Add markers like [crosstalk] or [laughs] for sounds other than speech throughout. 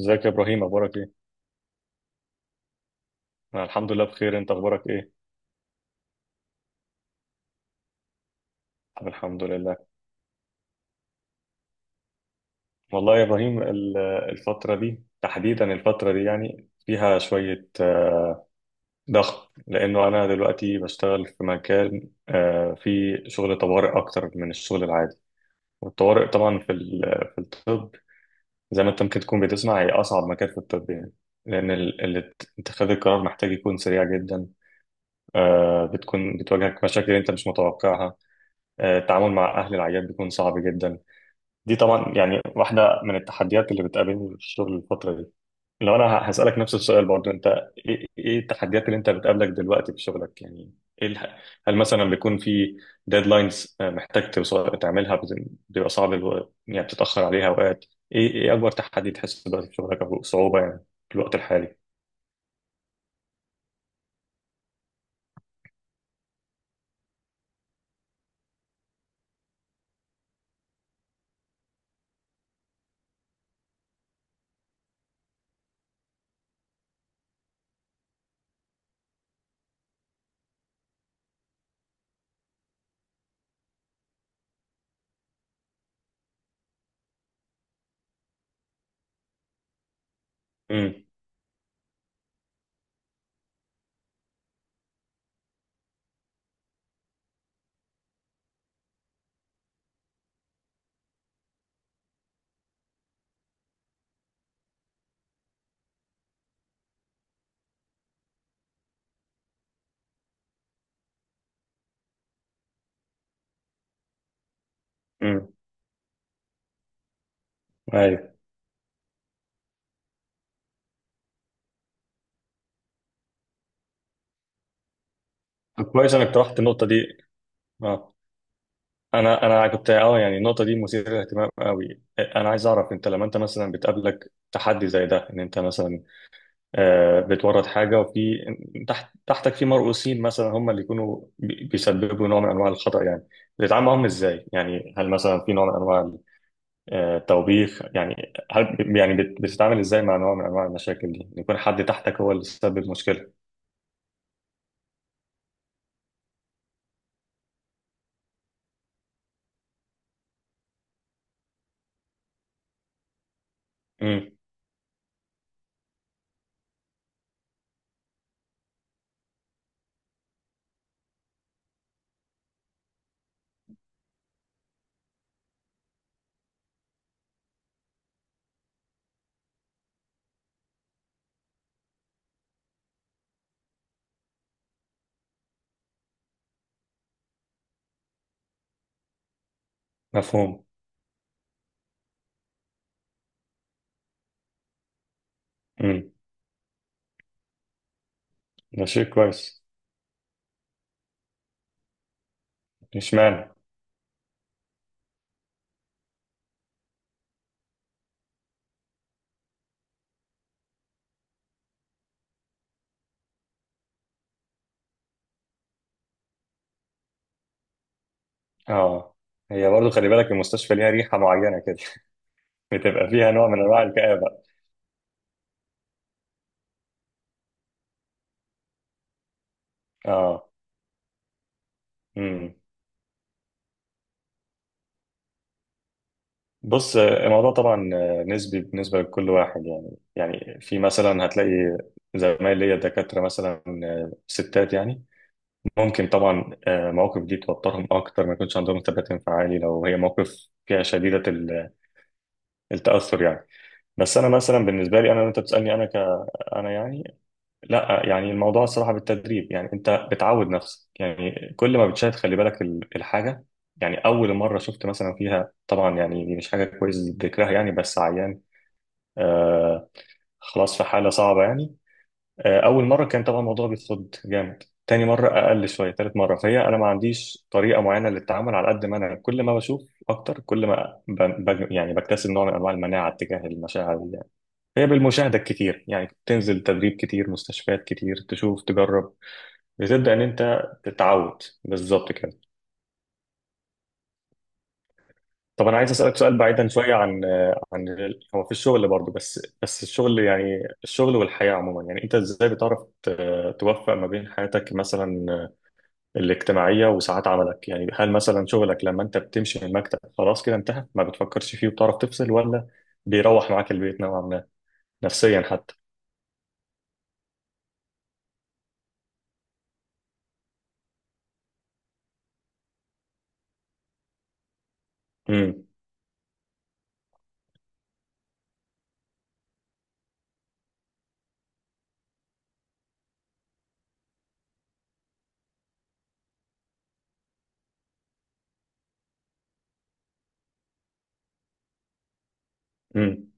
ازيك يا ابراهيم؟ اخبارك ايه؟ انا الحمد لله بخير، انت اخبارك ايه؟ طب الحمد لله. والله يا ابراهيم الفتره دي، تحديدا الفتره دي، فيها شويه ضغط، لانه انا دلوقتي بشتغل في مكان فيه شغل طوارئ اكتر من الشغل العادي. والطوارئ طبعا في في الطب، زي ما انت ممكن تكون بتسمع، هي اصعب مكان في الطب يعني، لان اتخاذ القرار محتاج يكون سريع جدا. بتكون بتواجهك مشاكل انت مش متوقعها. التعامل مع اهل العيان بيكون صعب جدا. دي طبعا يعني واحدة من التحديات اللي بتقابلني في الشغل الفترة دي. لو أنا هسألك نفس السؤال برضو، أنت إيه التحديات اللي أنت بتقابلك دلوقتي في شغلك يعني؟ إيه هل مثلا بيكون في ديدلاينز محتاج توصل تعملها، بيبقى صعب يعني بتتأخر عليها أوقات؟ إيه أكبر تحدي تحس دلوقتي في شغلك، أو صعوبة يعني في الوقت الحالي؟ امم. امم. أيوه. طب كويس إنك طرحت النقطة دي. آه. انا كنت يعني النقطه دي مثيره للاهتمام قوي. انا عايز اعرف انت لما انت مثلا بتقابلك تحدي زي ده، ان انت مثلا بتورط حاجه، وفي تحتك في مرؤوسين مثلا، هم اللي يكونوا بيسببوا نوع من انواع الخطا يعني، بتتعامل معاهم ازاي يعني؟ هل مثلا في نوع من انواع التوبيخ يعني؟ هل يعني بتتعامل ازاي مع نوع من انواع المشاكل دي، إن يكون حد تحتك هو اللي سبب مشكله؟ امم. مفهوم. امم. ده شيء كويس. مش معنى. اه، هي برضه خلي بالك، المستشفى ليها ريحه معينه كده. [laughs] بتبقى فيها نوع من انواع الكآبه. اه. امم. بص، الموضوع طبعا نسبي بالنسبه لكل واحد يعني. يعني في مثلا هتلاقي زمايل ليا دكاتره مثلا ستات يعني، ممكن طبعا مواقف دي توترهم اكتر، ما يكونش عندهم ثبات انفعالي لو هي موقف فيها شديده التاثر يعني. بس انا مثلا بالنسبه لي، انا وانت بتسالني، انا يعني لا، يعني الموضوع الصراحة بالتدريب يعني. انت بتعود نفسك يعني، كل ما بتشاهد خلي بالك الحاجة يعني. اول مرة شفت مثلا فيها، طبعا يعني دي مش حاجة كويس ذكرها يعني، بس عيان آه خلاص في حالة صعبة يعني، آه، اول مرة كان طبعا الموضوع بيتخض جامد، تاني مرة اقل شوية، تالت مرة. فهي انا ما عنديش طريقة معينة للتعامل، على قد ما انا كل ما بشوف اكتر كل ما يعني بكتسب نوع من انواع المناعة تجاه المشاعر دي يعني. هي بالمشاهدة الكتير يعني، تنزل تدريب كتير، مستشفيات كتير، تشوف، تجرب، بتبدأ إن أنت تتعود، بالظبط كده. طب أنا عايز أسألك سؤال بعيدا شوية عن عن هو في الشغل برضه، بس الشغل، يعني الشغل والحياة عموما يعني. أنت إزاي بتعرف توفق ما بين حياتك مثلا الاجتماعية وساعات عملك يعني؟ هل مثلا شغلك لما أنت بتمشي من المكتب خلاص كده انتهى، ما بتفكرش فيه وبتعرف تفصل، ولا بيروح معاك البيت نوعا ما، نفسيا حتى؟ امم. امم.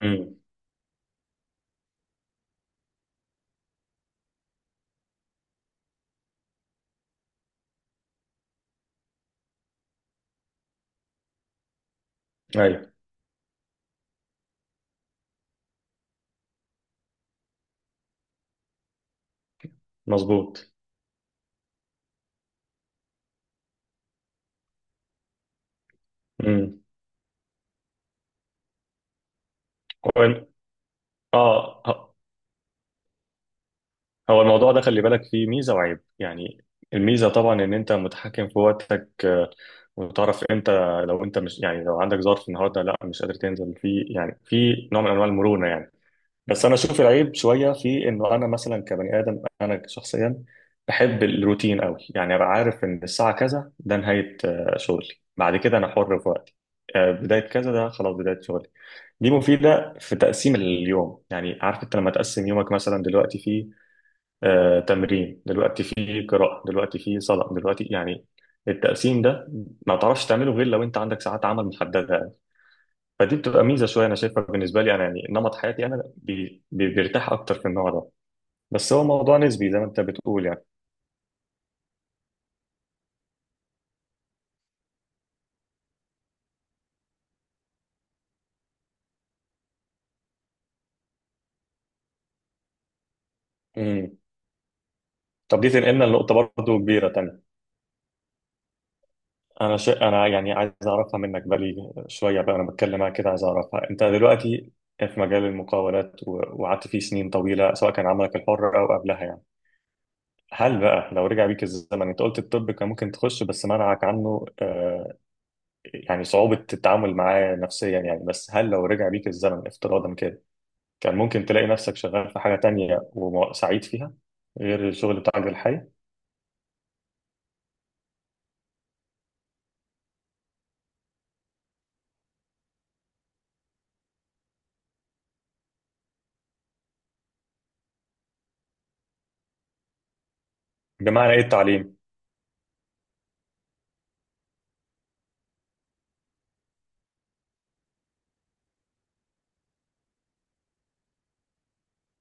امم. أيوه. مظبوط. امم. اه، هو الموضوع ده خلي بالك فيه ميزة وعيب يعني. الميزة طبعا ان انت متحكم في وقتك، وتعرف امتى، لو انت مش يعني لو عندك ظرف النهارده، لا مش قادر تنزل، في يعني في نوع من انواع المرونة يعني. بس انا اشوف العيب شوية في انه انا مثلا كبني ادم، انا شخصيا بحب الروتين قوي يعني، ابقى عارف ان الساعة كذا ده نهاية شغلي، بعد كده انا حر في وقتي، بداية كذا ده خلاص بداية شغلي. دي مفيدة في تقسيم اليوم يعني. عارف انت لما تقسم يومك مثلا دلوقتي فيه تمرين، دلوقتي في قراءة، دلوقتي في صلاة، دلوقتي يعني. التقسيم ده ما تعرفش تعمله غير لو انت عندك ساعات عمل محددة يعني. فدي بتبقى ميزة شوية انا شايفها بالنسبة لي انا يعني. نمط حياتي انا بي بي بيرتاح اكتر في النوع ده. بس هو موضوع نسبي زي ما انت بتقول يعني. امم. طب دي تنقلنا لنقطة برضه كبيرة تانية. أنا يعني عايز أعرفها منك، بقالي شوية بقى أنا بتكلم معاك كده عايز أعرفها. أنت دلوقتي في مجال المقاولات وقعدت فيه سنين طويلة، سواء كان عملك الحر أو قبلها يعني. هل بقى لو رجع بيك الزمن، انت قلت الطب كان ممكن تخش، بس منعك عنه يعني صعوبة التعامل معاه نفسيا يعني. بس هل لو رجع بيك الزمن افتراضا كده، كان ممكن تلاقي نفسك شغال في حاجة تانية وسعيد فيها، غير الشغل بتاعك الحالي؟ بمعنى ايه التعليم؟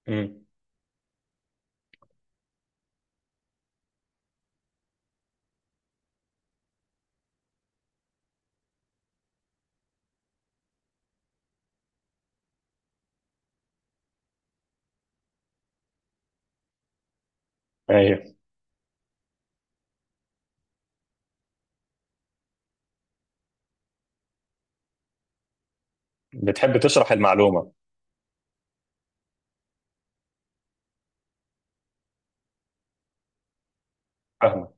امم. ايوه. بتحب تشرح المعلومة. فاهمة.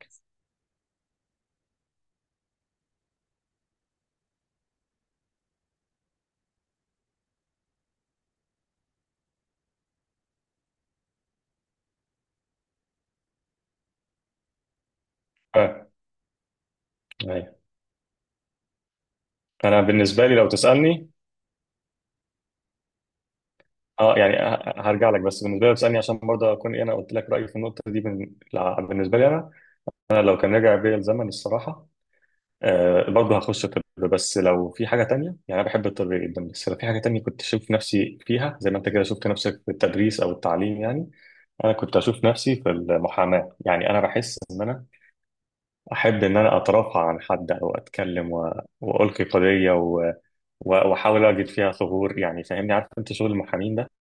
فاهم. ايوه. انا بالنسبة لي لو تسألني، اه يعني هرجع لك، بس بالنسبة لي لو تسألني عشان برضه اكون ايه، انا قلت لك رأيي في النقطة دي. بالنسبة لي انا، لو كان رجع بيا الزمن الصراحة برضه هخش طب، بس لو في حاجة تانية يعني. أنا بحب الطب جدا، بس لو في حاجة تانية كنت أشوف نفسي فيها زي ما أنت كده شفت نفسك في التدريس أو التعليم يعني، أنا كنت أشوف نفسي في المحاماة يعني. أنا بحس إن أنا أحب إن أنا أترافع عن حد، أو أتكلم وألقي قضية وأحاول أجد فيها ثغور يعني. فاهمني، عارف أنت شغل المحامين ده،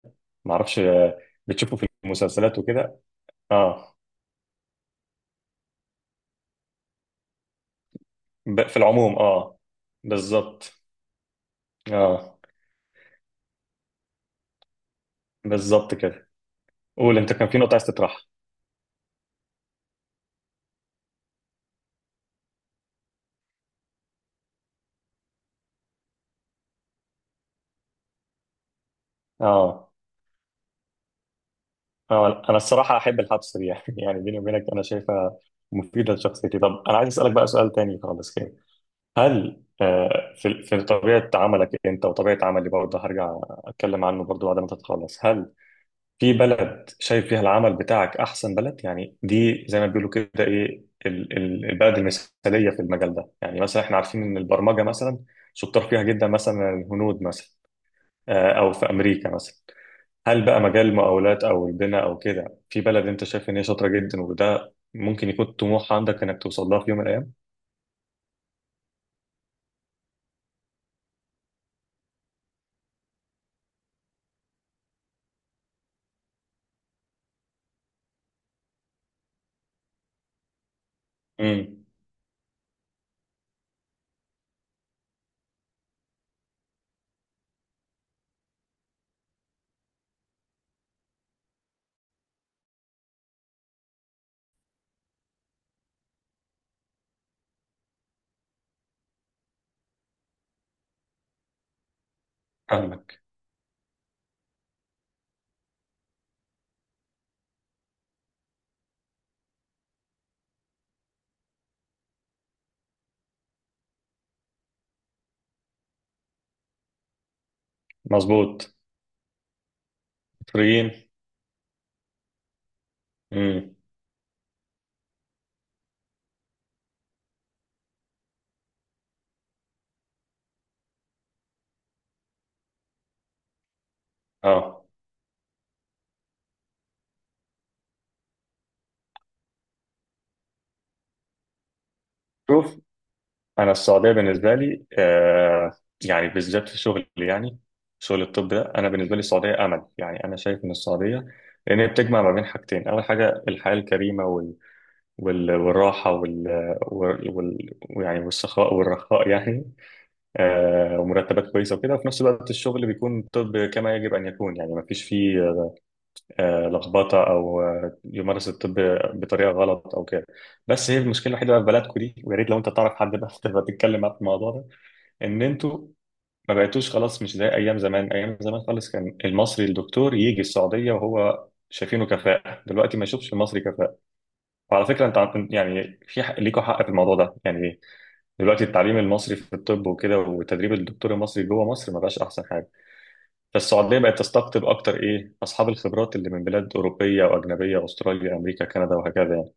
معرفش بتشوفه في المسلسلات وكده. أه. في العموم أه. بالظبط. أه. بالظبط كده. قول أنت كان في نقطة عايز تطرحها. أه. انا الصراحه احب الحبس دي يعني، [laughs] يعني بيني وبينك انا شايفها مفيده لشخصيتي. طب انا عايز اسالك بقى سؤال تاني خالص كده. هل في طبيعه عملك انت وطبيعه عملي برضه، هرجع اتكلم عنه برضه بعد ما تتخلص، هل في بلد شايف فيها العمل بتاعك احسن بلد يعني؟ دي زي ما بيقولوا كده، ايه البلد المثاليه في المجال ده يعني؟ مثلا احنا عارفين ان البرمجه مثلا شطار فيها جدا مثلا الهنود مثلا، او في امريكا مثلا. هل بقى مجال المقاولات او البناء او كده في بلد انت شايف ان هي شاطره جدا، وده ممكن يكون طموح عندك انك توصل لها في يوم من الايام؟ امم. فاهمك. مظبوط. مصريين. امم. اه، شوف، انا السعوديه بالنسبه لي، آه، يعني بالذات في شغل يعني شغل الطب ده، انا بالنسبه لي السعوديه امل يعني. انا شايف ان السعوديه، لان هي بتجمع ما بين حاجتين، اول حاجه الحياه الكريمه والراحه وال... وال... يعني والسخاء والرخاء يعني، ومرتبات كويسه وكده، وفي نفس الوقت الشغل بيكون طب كما يجب ان يكون يعني، ما فيش فيه لخبطه، او يمارس الطب بطريقه غلط او كده. بس هي المشكله الوحيده بقى في بلدكم دي، ويا ريت لو انت تعرف حد بقى [laughs] تبقى تتكلم معاه في الموضوع ده، ان انتوا ما بقيتوش خلاص مش زي ايام زمان، ايام زمان خالص كان المصري الدكتور يجي السعوديه وهو شايفينه كفاءة، دلوقتي ما يشوفش المصري كفاءة. وعلى فكرة انت يعني في حق ليكوا، حق في الموضوع ده يعني. دلوقتي التعليم المصري في الطب وكده، وتدريب الدكتور المصري جوه مصر، ما بقاش احسن حاجه. فالسعوديه بقت تستقطب اكتر ايه اصحاب الخبرات اللي من بلاد اوروبيه واجنبيه، استراليا، امريكا، كندا، وهكذا يعني.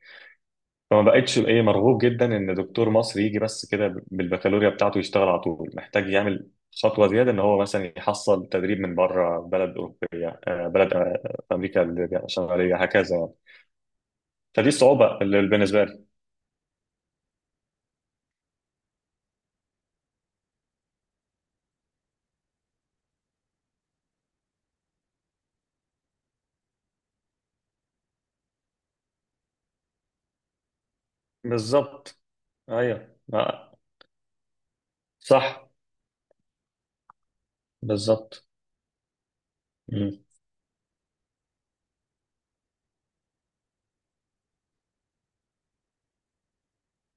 فما بقتش ايه مرغوب جدا ان دكتور مصري يجي بس كده بالبكالوريا بتاعته يشتغل على طول، محتاج يعمل خطوه زياده، ان هو مثلا يحصل تدريب من بره، بلد اوروبيه، بلد امريكا الشماليه، هكذا يعني. فدي الصعوبه اللي بالنسبه لي. بالظبط. ايوه. صح. بالظبط.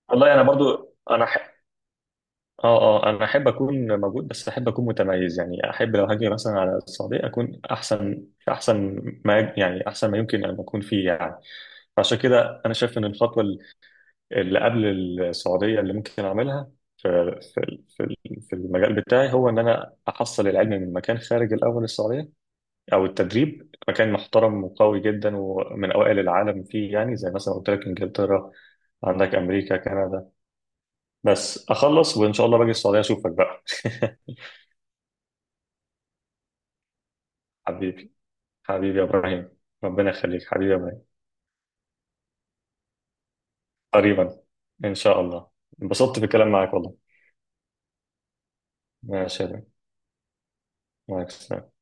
والله انا برضو اه. اه، انا احب اكون موجود، بس احب اكون متميز يعني. احب لو هاجي مثلا على السعوديه اكون احسن، احسن ما يعني احسن ما يمكن ان اكون فيه يعني. فعشان كده انا شايف ان الخطوه اللي قبل السعوديه اللي ممكن اعملها في في المجال بتاعي، هو ان انا احصل العلم من مكان خارج الاول السعوديه، او التدريب مكان محترم وقوي جدا ومن اوائل العالم فيه يعني، زي مثلا قلت لك انجلترا، عندك امريكا، كندا. بس اخلص وان شاء الله باجي السعوديه اشوفك بقى. [laughs] حبيبي. حبيبي يا ابراهيم. ربنا يخليك حبيبي يا ابراهيم. قريبا. ان شاء الله. انبسطت بالكلام معاك والله. ماشي يا ابراهيم، معاك.